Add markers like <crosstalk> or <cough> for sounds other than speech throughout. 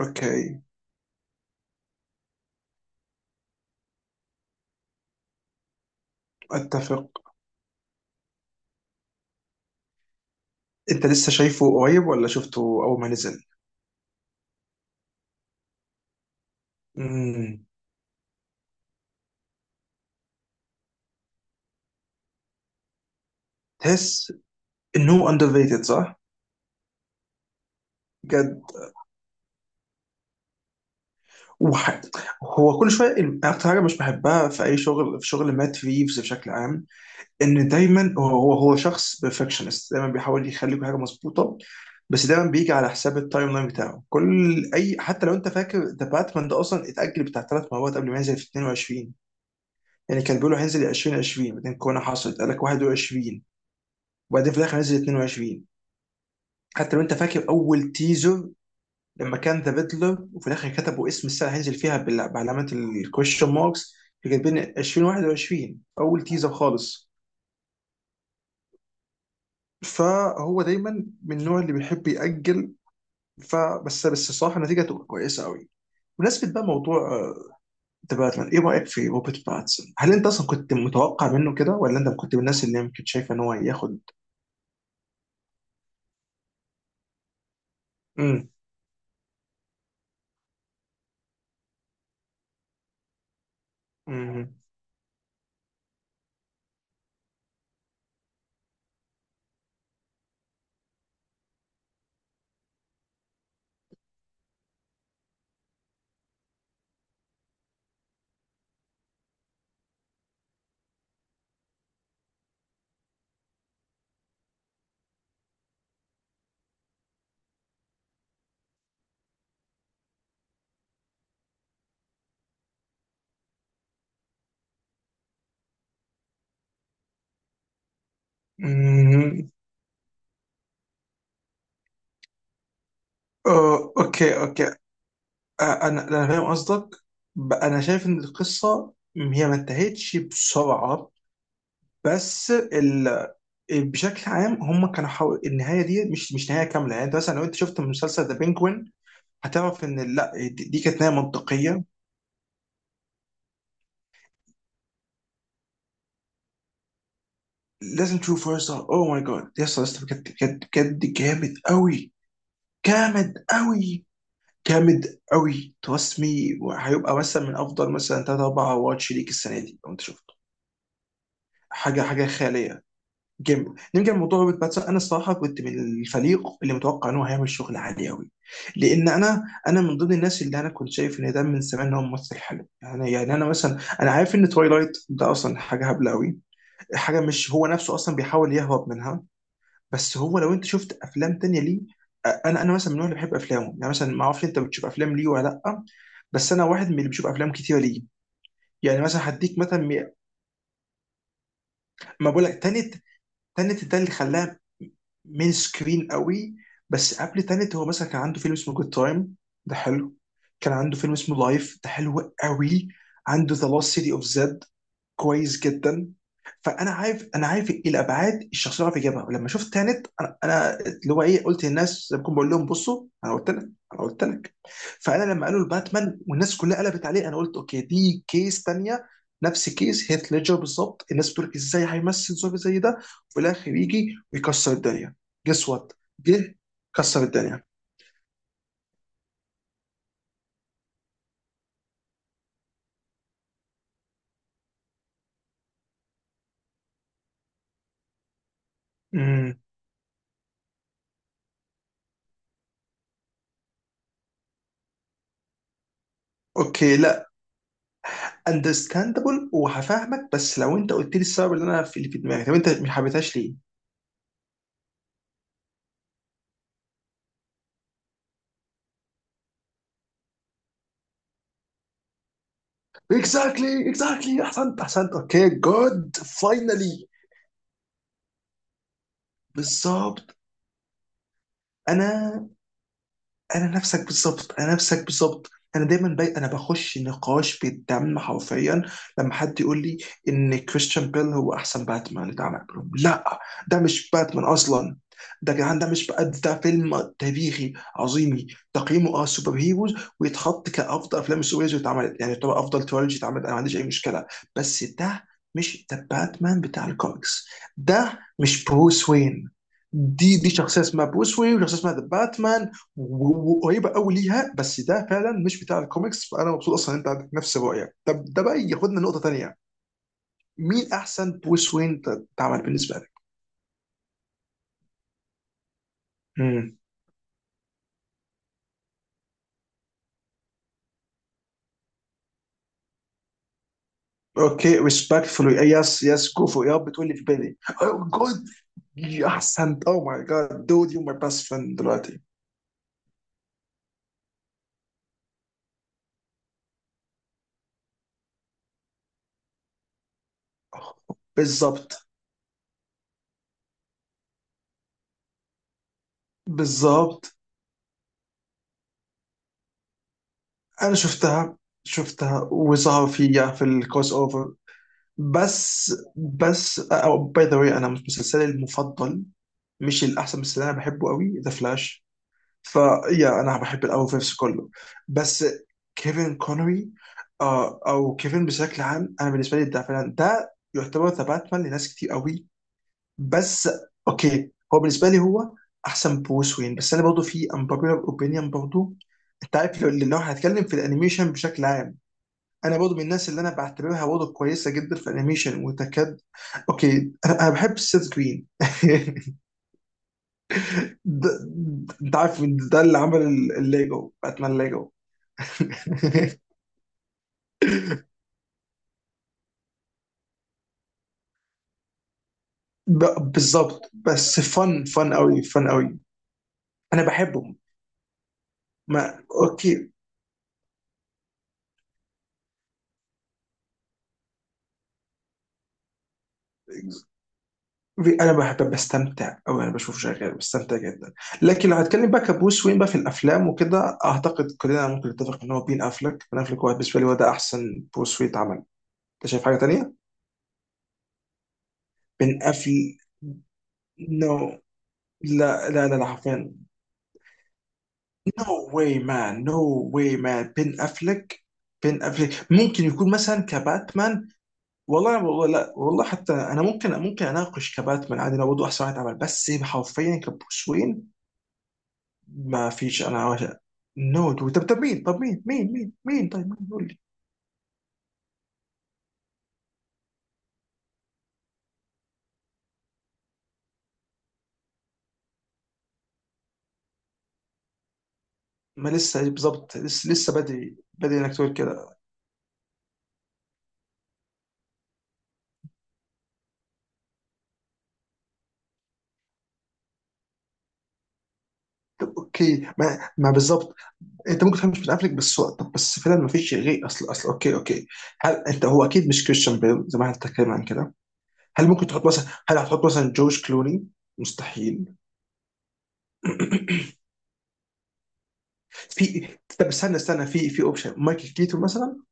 اوكي. اتفق. انت لسه شايفه قريب ولا شفته اول ما نزل؟ امم. تحس انه اندر ريتد، صح؟ بجد. وح... هو كل شويه الم- اكتر حاجه مش بحبها في اي شغل، في شغل مات ريفز بشكل عام، ان دايما هو شخص بيرفكشنست، دايما بيحاول يخلي كل حاجه مظبوطه. بس دايما بيجي على حساب التايم لاين بتاعه كل اي. حتى لو انت فاكر ذا باتمان ده، اصلا اتاجل بتاع ثلاث مرات قبل ما ينزل في 22. يعني كان بيقولوا هينزل 2020، بعدين كورونا حصلت، قال لك 21، وبعدين في الاخر نزل 22. حتى لو انت فاكر اول تيزر لما كان ذا بيتلر، وفي الاخر كتبوا اسم السنه هينزل فيها بعلامات الكويشن ماركس، كاتبين 2021 اول تيزر خالص. فهو دايما من النوع اللي بيحب يأجل. فبس الصراحه النتيجه تبقى كويسه قوي. بمناسبة بقى موضوع ذا باتمان، ايه رأيك في روبرت باتسون؟ هل انت اصلا كنت متوقع منه كده ولا انت كنت من الناس اللي يمكن شايفه ان هو ياخد. امم امم امم اوكي، اوكي. انا فاهم قصدك. انا شايف ان القصه هي ما انتهتش بسرعه. بس ال... بشكل عام هم كانوا حاول النهايه دي مش نهايه كامله. يعني انت مثلا لو انت شفت مسلسل ذا بينجوين، هتعرف ان لا، دي كانت نهايه منطقيه. لازم تشوفه يا اسطى، اوه ماي جاد يا اسطى، يا اسطى، بجد بجد بجد جامد قوي، جامد قوي، جامد قوي. ترسمي هيبقى مثلا من افضل مثلا ثلاث اربع واتش ليك السنه دي لو انت شفته. حاجه خياليه. جيم، نرجع لموضوع روبرت باتسون. انا الصراحه كنت من الفريق اللي متوقع ان هو هيعمل شغل عالي قوي. لان انا من ضمن الناس اللي انا كنت شايف ان ده من زمان ان هو ممثل حلو. يعني انا مثلا، انا عارف ان تويلايت ده اصلا حاجه هبله قوي. حاجه مش هو نفسه اصلا بيحاول يهرب منها. بس هو لو انت شفت افلام تانية ليه. انا مثلا من النوع اللي بحب افلامه. يعني مثلا، ما اعرفش انت بتشوف افلام ليه ولا لا، بس انا واحد من اللي بيشوف افلام كتيره ليه. يعني مثلا هديك مثلا ما بقول لك تاني، تنت ده اللي خلاها. مين سكرين قوي. بس قبل تنت هو مثلا كان عنده فيلم اسمه جود تايم، ده حلو. كان عنده فيلم اسمه لايف، ده حلو قوي. عنده ذا لوست سيتي اوف زد، كويس جدا. فانا عارف، انا عارف ايه الابعاد الشخصيه اللي بيجيبها، ولما شفت تانت انا، أنا اللي هو ايه، قلت للناس زي ما بكون بقول لهم بصوا، انا قلت لك، انا قلت لك. فانا لما قالوا الباتمان والناس كلها قلبت عليه، انا قلت اوكي، دي كيس تانية. نفس كيس هيث ليدجر بالظبط. الناس بتقول ازاي هيمثل زومبي زي ده، وفي الاخر يجي ويكسر الدنيا. جس وات، جه كسر الدنيا. امم. اوكي، لا. اندرستاندبل، وهفهمك، بس لو انت قلت لي السبب اللي انا في اللي في دماغي، طب انت ما حبيتهاش ليه؟ اكزاكتلي، اكزاكتلي، احسنت، احسنت، اوكي، جود، فاينلي. بالظبط. انا انا نفسك بالظبط، انا نفسك بالظبط. انا انا بخش نقاش بالدم حرفيا لما حد يقول لي ان كريستيان بيل هو احسن باتمان اتعمل، بقول لهم لا، ده مش باتمان اصلا. ده يا جدعان، ده مش بقى، ده فيلم تاريخي عظيمي. تقييمه اه سوبر هيروز، ويتحط كافضل افلام السوبر هيروز اللي اتعملت. يعني طبعا افضل تريلوجي اتعملت، انا ما عنديش اي مشكله. بس ده مش ده باتمان بتاع الكوميكس، ده مش بروس وين. دي شخصيه اسمها بروس وين وشخصيه اسمها ذا باتمان، وقريبه قوي ليها. بس ده فعلا مش بتاع الكوميكس. فانا مبسوط اصلا ان انت عندك نفس الرؤيه. طب ده بقى ياخدنا لنقطه تانيه. مين احسن بروس وين اتعمل بالنسبه لك؟ امم. اوكي، ريسبكتفولي، يس يس، جو فور، ياب، بتقول لي في بالي، اوه جود. احسنت، اوه ماي جاد دود، يو ماي بيست فريند دلوقتي. بالظبط، بالظبط. انا شفتها، شفتها وظهر فيها في الكروس اوفر. بس أو باي ذا واي انا مش مسلسلي المفضل، مش الاحسن، بس اللي انا بحبه قوي ذا فلاش. فيا انا بحب الاول فيفس كله. بس كيفن كونري. آه، او كيفن بشكل عام، انا بالنسبه لي ده فعلا ده يعتبر ذا باتمان لناس كتير قوي. بس اوكي، هو بالنسبه لي هو احسن بروس وين. بس انا برضه في امبوبيلر اوبينيون برضه. انت عارف، لو هنتكلم في الانيميشن بشكل عام، انا برضه من الناس اللي انا بعتبرها برضه كويسه جدا في الانيميشن وتكاد. اوكي انا بحب السيث جرين <laughs> ده ده- انت عارف مين ده اللي عمل الليجو باتمان، ليجو. <laughs> بالظبط. بس فن، فن قوي، فن قوي. انا بحبه. ما اوكي انا بحب بستمتع، او انا بشوف شغال بستمتع جدا. لكن لو هتكلم بقى كبروس وين بقى في الافلام وكده، اعتقد كلنا ممكن نتفق ان هو بين افلك. هو بالنسبه لي هو ده احسن بروس وين اتعمل. انت شايف حاجه تانية؟ بن افل. نو، لا لا لا لا حرفيا، نو واي مان، نو واي مان. بن افلك، بن افلك ممكن يكون مثلا كباتمان. والله، والله، لا والله، حتى انا ممكن، ممكن اناقش كباتمان عادي لو برضه احسن واحد عمل، بس حرفيا كبروس وين ما فيش. انا نو دو. طب، طب مين، طب مين، مين طيب مين، قول لي. ما لسه، بالظبط لسه، لسه بدري، بدري انك تقول كده. طب اوكي، ما بالظبط انت ممكن تفهم مش بن افلك، طب بس فعلا ما فيش غير اصل، اصل اوكي اوكي. هل انت هو اكيد مش كريستيان بيل زي ما احنا بنتكلم عن كده. هل ممكن تحط مثلا، هل هتحط مثلا جورج كلوني؟ مستحيل. <clears throat> في، طب استنى، في اوبشن مايكل كيتون مثلا.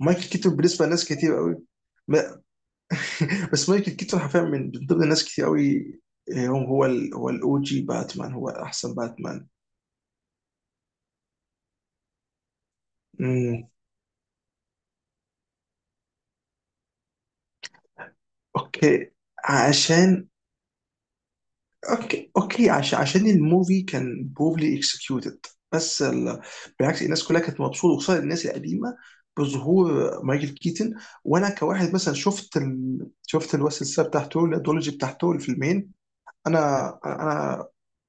مايكل كيتون بالنسبه لناس كتير قوي. ما- <laughs> بس مايكل كيتون حرفيا من ضمن ناس كتير قوي. آه، هو الاو جي باتمان، هو احسن باتمان. امم، اوكي، عشان. اوكي، اوكي عشان، عشان الموفي كان بروفلي اكسكيوتد. بس ال... بالعكس الناس كلها كانت مبسوطه، وخصوصا الناس القديمه، بظهور مايكل كيتن. وانا كواحد مثلا شفت الوسط السابع بتاعته الادولوجي بتاعته الفيلمين. انا انا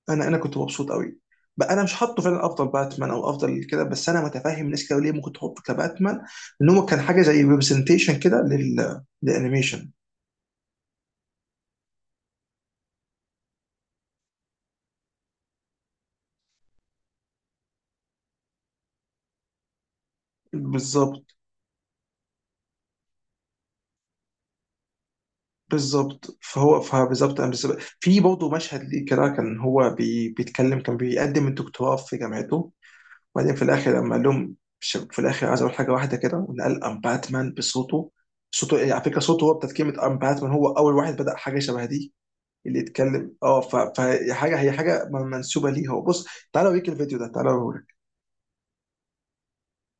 انا كنت مبسوط قوي. بقى انا مش حاطه فعلا افضل باتمان او افضل كده، بس انا متفاهم ناس كده ليه ممكن تحطه كباتمان، ان هو كان حاجه زي ريبرزنتيشن كده للانيميشن. بالظبط، بالظبط. فهو فبالظبط أنا بالظبط- في برضه مشهد ليه كده، كان هو بي بيتكلم، كان بيقدم الدكتوراه في جامعته، وبعدين في الاخر لما قال لهم في الاخر عايز اقول حاجه واحده كده، وإن قال ام باتمان بصوته. صوته يعني على فكره صوته، هو بتاعت كلمه ام باتمان، هو اول واحد بدا حاجه شبه دي اللي يتكلم اه. فهي حاجه، هي حاجه منسوبه ليه هو. بص، تعالوا اوريك الفيديو ده، تعالوا.